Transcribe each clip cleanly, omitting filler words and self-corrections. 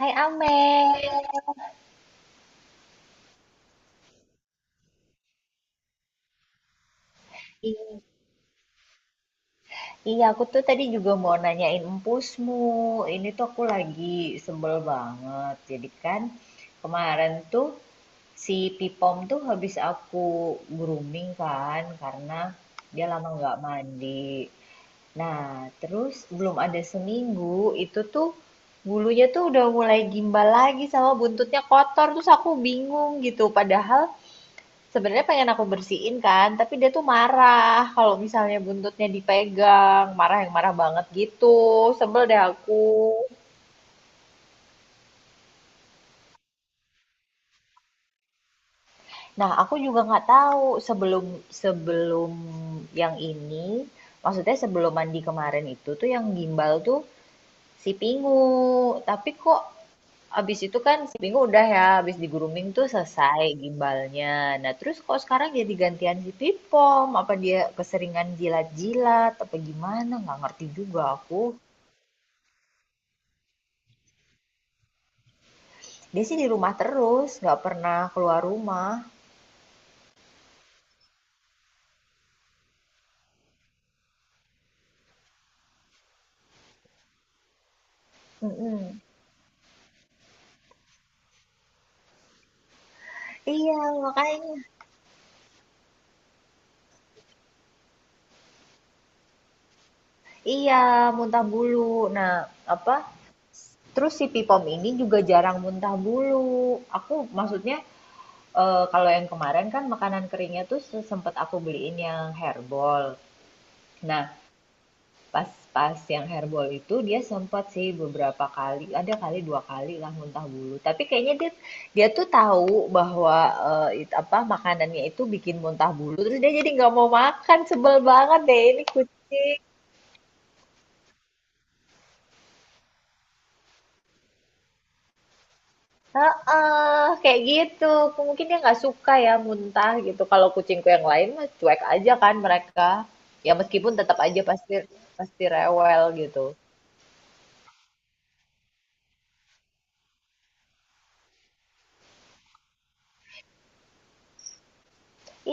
Hai Amel, I- iya aku tuh tadi juga mau nanyain empusmu. Ini tuh aku lagi sebel banget. Jadi kan kemarin tuh si Pipom tuh habis aku grooming kan karena dia lama nggak mandi. Nah, terus belum ada seminggu itu tuh bulunya tuh udah mulai gimbal lagi sama buntutnya kotor. Terus aku bingung gitu. Padahal sebenarnya pengen aku bersihin kan, tapi dia tuh marah kalau misalnya buntutnya dipegang, marah yang marah banget gitu. Sebel deh aku. Nah, aku juga nggak tahu sebelum sebelum yang ini, maksudnya sebelum mandi kemarin itu tuh yang gimbal tuh si Pingu. Tapi kok abis itu kan seminggu udah ya, abis di grooming tuh selesai gimbalnya. Nah, terus kok sekarang jadi gantian si Pipom? Apa dia keseringan jilat-jilat? Apa gimana? Nggak ngerti juga aku. Dia sih di rumah terus, nggak pernah keluar rumah. Mm-mm. Iya, makanya. Iya, muntah bulu. Nah, apa? Terus si Pipom ini juga jarang muntah bulu. Aku maksudnya kalau yang kemarin kan makanan keringnya tuh sempet aku beliin yang herbal. Nah, Pas pas yang hairball itu dia sempat sih beberapa kali, ada kali 2 kali lah muntah bulu. Tapi kayaknya dia dia tuh tahu bahwa, eee, it apa, makanannya itu bikin muntah bulu, terus dia jadi nggak mau makan, sebel banget deh ini kucing. Heeh, kayak gitu. Mungkin dia nggak suka ya muntah gitu. Kalau kucingku yang lain mah cuek aja kan mereka. Ya meskipun tetap aja pasti pasti rewel gitu.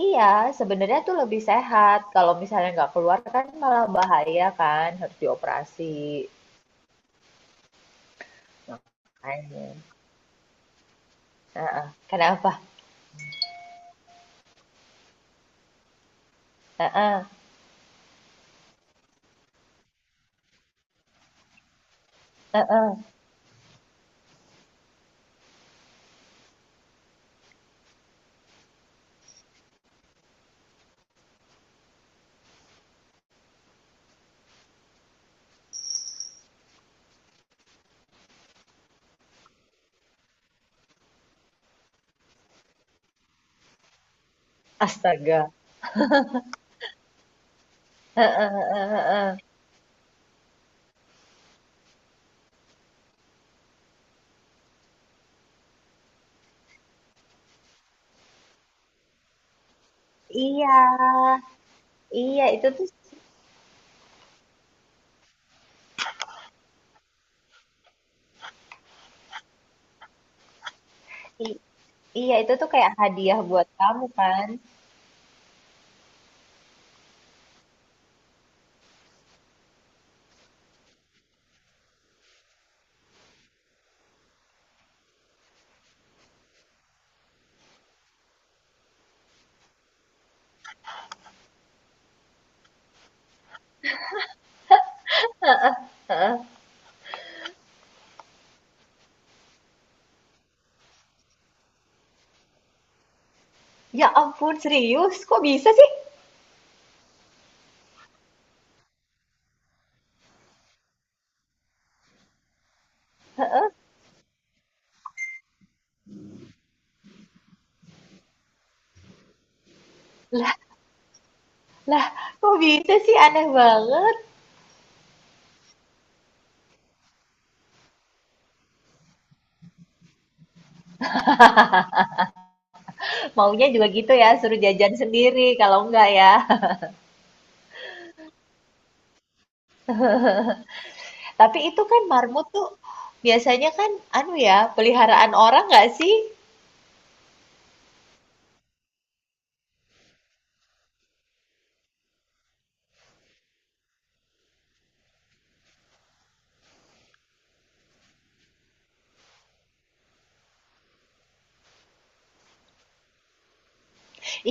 Iya, sebenarnya tuh lebih sehat. Kalau misalnya nggak keluar kan malah bahaya kan, harus dioperasi. Makanya. Heeh. Kenapa? Heeh, heeh. Astaga. Heeh, heeh, heeh. Iya, iya itu tuh i- iya itu tuh kayak hadiah buat kamu kan. Ya ampun, serius? Kok bisa sih? Lah, lah, kok bisa sih? Aneh banget. Maunya juga gitu ya, suruh jajan sendiri kalau enggak ya. Tapi itu kan marmut tuh biasanya kan anu ya, peliharaan orang nggak sih?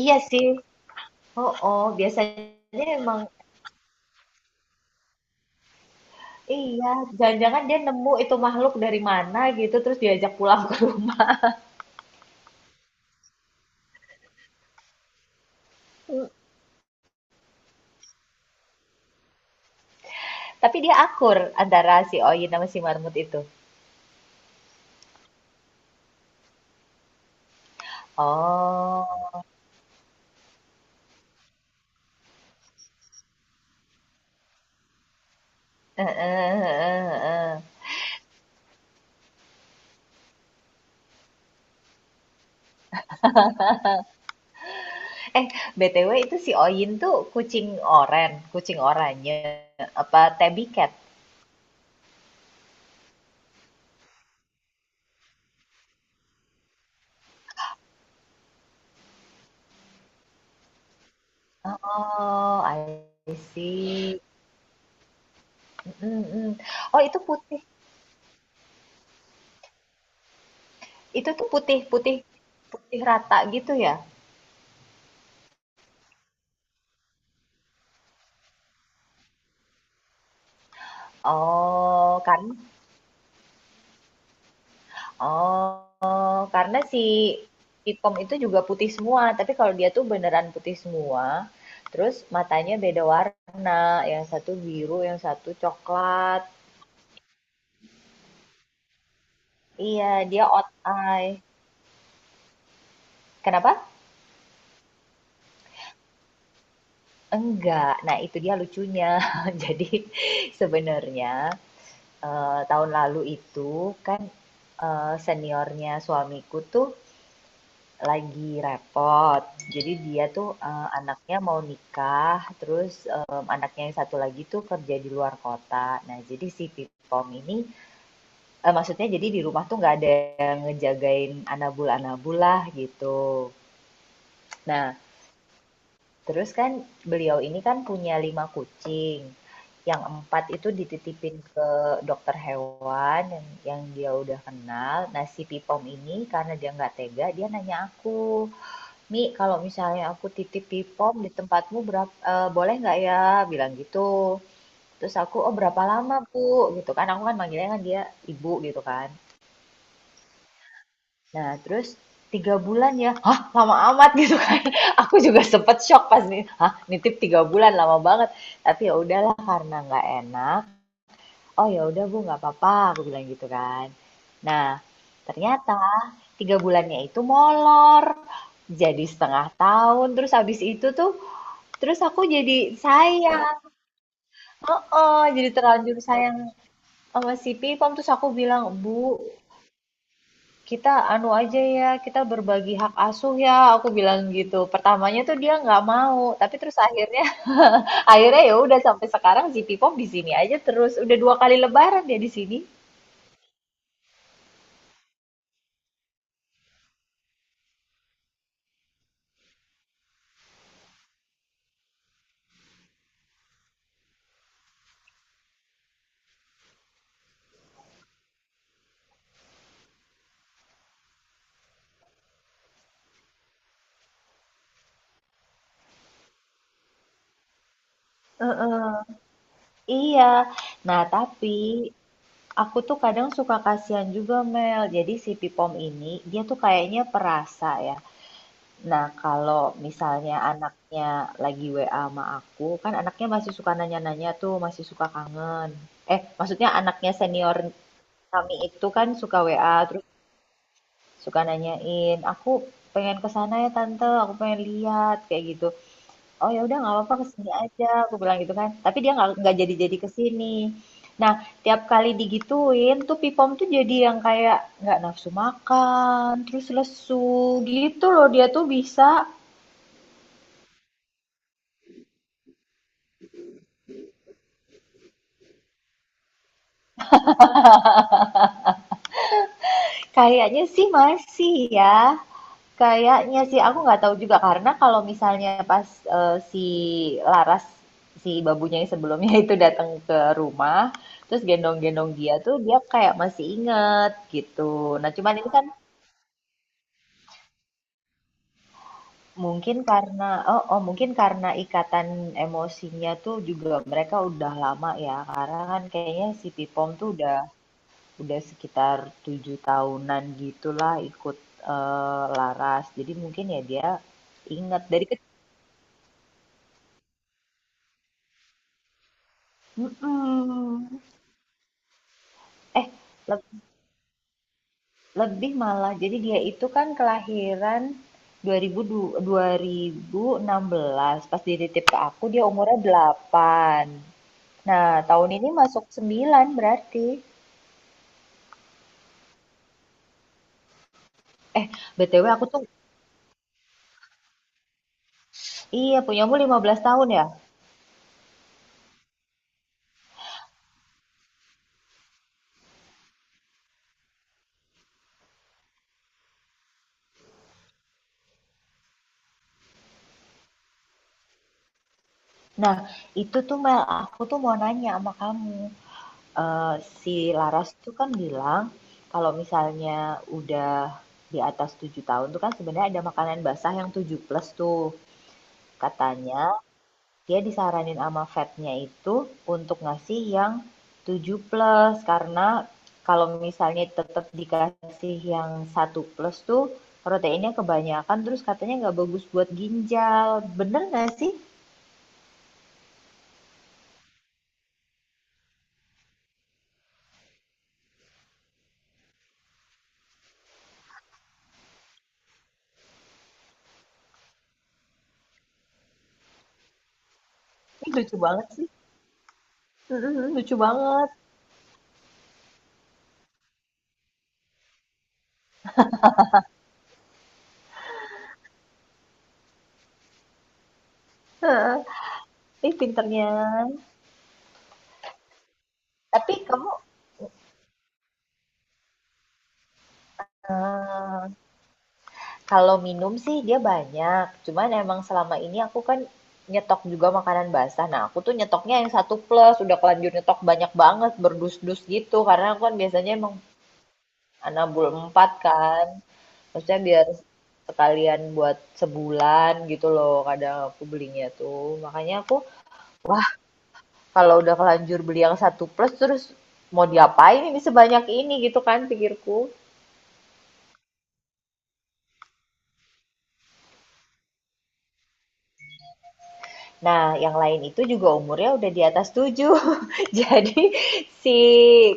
Iya sih. Oh, oh, biasanya emang iya, jangan-jangan dia nemu itu makhluk dari mana gitu terus diajak pulang ke rumah. Tapi dia akur antara si Oyin sama si marmut itu. Oh. Eh, eh, eh, eh. Eh, BTW itu si Oyin tuh kucing oren, kucing oranye apa tabby cat? Oh, I see. Mhm. Oh itu putih, itu tuh putih putih putih rata gitu ya? Oh kan, oh karena si Ipom itu juga putih semua, tapi kalau dia tuh beneran putih semua, terus matanya beda warna, yang satu biru, yang satu coklat. Iya, dia out eye. Kenapa? Enggak. Nah, itu dia lucunya. Jadi sebenarnya tahun lalu itu kan seniornya suamiku tuh lagi repot. Jadi dia tuh anaknya mau nikah, terus anaknya yang satu lagi tuh kerja di luar kota. Nah, jadi si Pipom ini maksudnya jadi di rumah tuh nggak ada yang ngejagain anabul-anabul lah gitu. Nah, terus kan beliau ini kan punya 5 kucing. Yang empat itu dititipin ke dokter hewan yang dia udah kenal. Nah, si Pipom ini karena dia nggak tega, dia nanya aku, Mi, kalau misalnya aku titip Pipom di tempatmu berapa, eh, boleh nggak ya? Bilang gitu. Terus aku, oh berapa lama Bu? Gitu kan, aku kan manggilnya kan dia ibu gitu kan. Nah, terus 3 bulan ya, hah lama amat gitu kan. Aku juga sempet shock pas nih, hah nitip 3 bulan lama banget. Tapi ya udahlah karena nggak enak. Oh ya udah Bu nggak apa-apa, aku bilang gitu kan. Nah, ternyata 3 bulannya itu molor. Jadi setengah tahun, terus habis itu tuh, terus aku jadi sayang. Oh, jadi terlanjur sayang sama si Pipom. Terus aku bilang, Bu, "Kita anu aja ya, kita berbagi hak asuh ya," aku bilang gitu. Pertamanya tuh dia nggak mau, tapi terus akhirnya akhirnya ya udah sampai sekarang si Pipom di sini aja terus. Udah 2 kali lebaran dia di sini. Heeh, iya. Nah, tapi aku tuh kadang suka kasihan juga Mel. Jadi si Pipom ini dia tuh kayaknya perasa ya. Nah, kalau misalnya anaknya lagi WA sama aku, kan anaknya masih suka nanya-nanya tuh, masih suka kangen. Eh, maksudnya anaknya senior kami itu kan suka WA, terus suka nanyain, aku pengen ke sana ya tante, aku pengen lihat, kayak gitu. Oh ya udah nggak apa-apa kesini aja, aku bilang gitu kan. Tapi dia nggak jadi-jadi kesini. Nah, tiap kali digituin tuh Pipom tuh jadi yang kayak nggak nafsu makan, terus lesu gitu loh dia tuh bisa. Kayaknya sih masih ya. Kayaknya sih aku nggak tahu juga karena kalau misalnya pas, si Laras, si babunya yang sebelumnya itu datang ke rumah, terus gendong-gendong dia tuh dia kayak masih inget gitu. Nah cuman ini kan mungkin karena oh mungkin karena ikatan emosinya tuh juga mereka udah lama ya, karena kan kayaknya si Pipom tuh udah sekitar 7 tahunan gitulah ikut Laras. Jadi mungkin ya dia ingat dari kecil. Eh, le- lebih malah. Jadi dia itu kan kelahiran 2000, 2016. Pas dititip ke aku dia umurnya 8. Nah, tahun ini masuk 9 berarti. Eh, BTW aku tuh iya punyamu 15 tahun ya. Nah, itu tuh Mel, aku tuh mau nanya sama kamu. Eee, si Laras tuh kan bilang, kalau misalnya udah di atas 7 tahun tuh kan sebenarnya ada makanan basah yang tujuh plus tuh. Katanya dia disaranin sama vetnya itu untuk ngasih yang tujuh plus karena kalau misalnya tetap dikasih yang satu plus tuh proteinnya kebanyakan, terus katanya nggak bagus buat ginjal. Bener nggak sih? Ini lucu banget sih. Mhm mhm, lucu banget. Heeh. Ih, pinternya. Tapi kamu Eee, Kalau minum sih dia banyak, cuman emang selama ini aku kan nyetok juga makanan basah. Nah, aku tuh nyetoknya yang satu plus, udah kelanjur nyetok banyak banget, berdus-dus gitu. Karena aku kan biasanya emang nabung 4 kan, maksudnya biar sekalian buat sebulan gitu loh, kadang aku belinya tuh. Makanya aku kalau udah kelanjur beli yang satu plus, terus mau diapain ini sebanyak ini gitu kan pikirku. Nah, yang lain itu juga umurnya udah di atas tujuh. Jadi si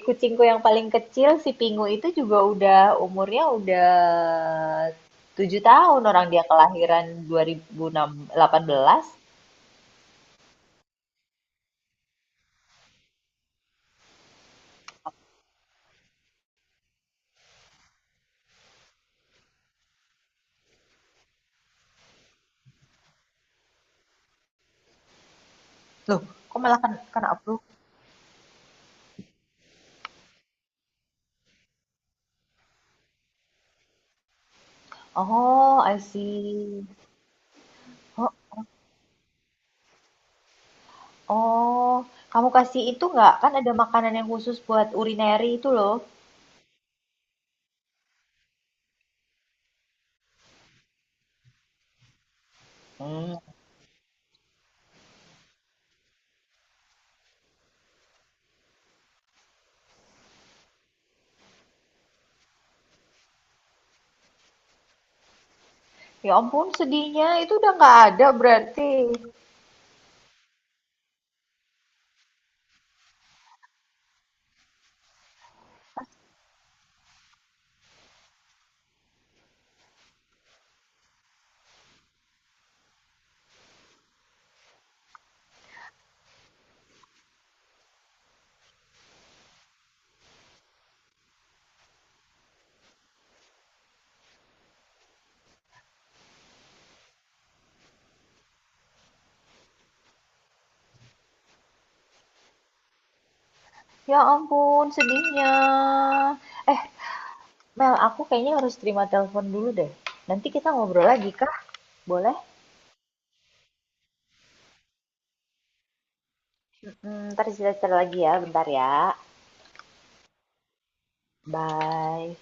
kucingku yang paling kecil, si Pingu itu juga udah umurnya udah 7 tahun. Orang dia kelahiran 2018. Loh, kok malah kan kena flu? Oh, I see. Oh, oh. Kamu kasih itu nggak? Kan ada makanan yang khusus buat urinary itu loh. Hmm. Ya ampun, sedihnya itu udah nggak ada berarti. Ya ampun, sedihnya. Eh, Mel, aku kayaknya harus terima telepon dulu deh. Nanti kita ngobrol lagi, kah? Boleh? Mm, ntar cerita-cerita lagi ya, bentar ya. Bye.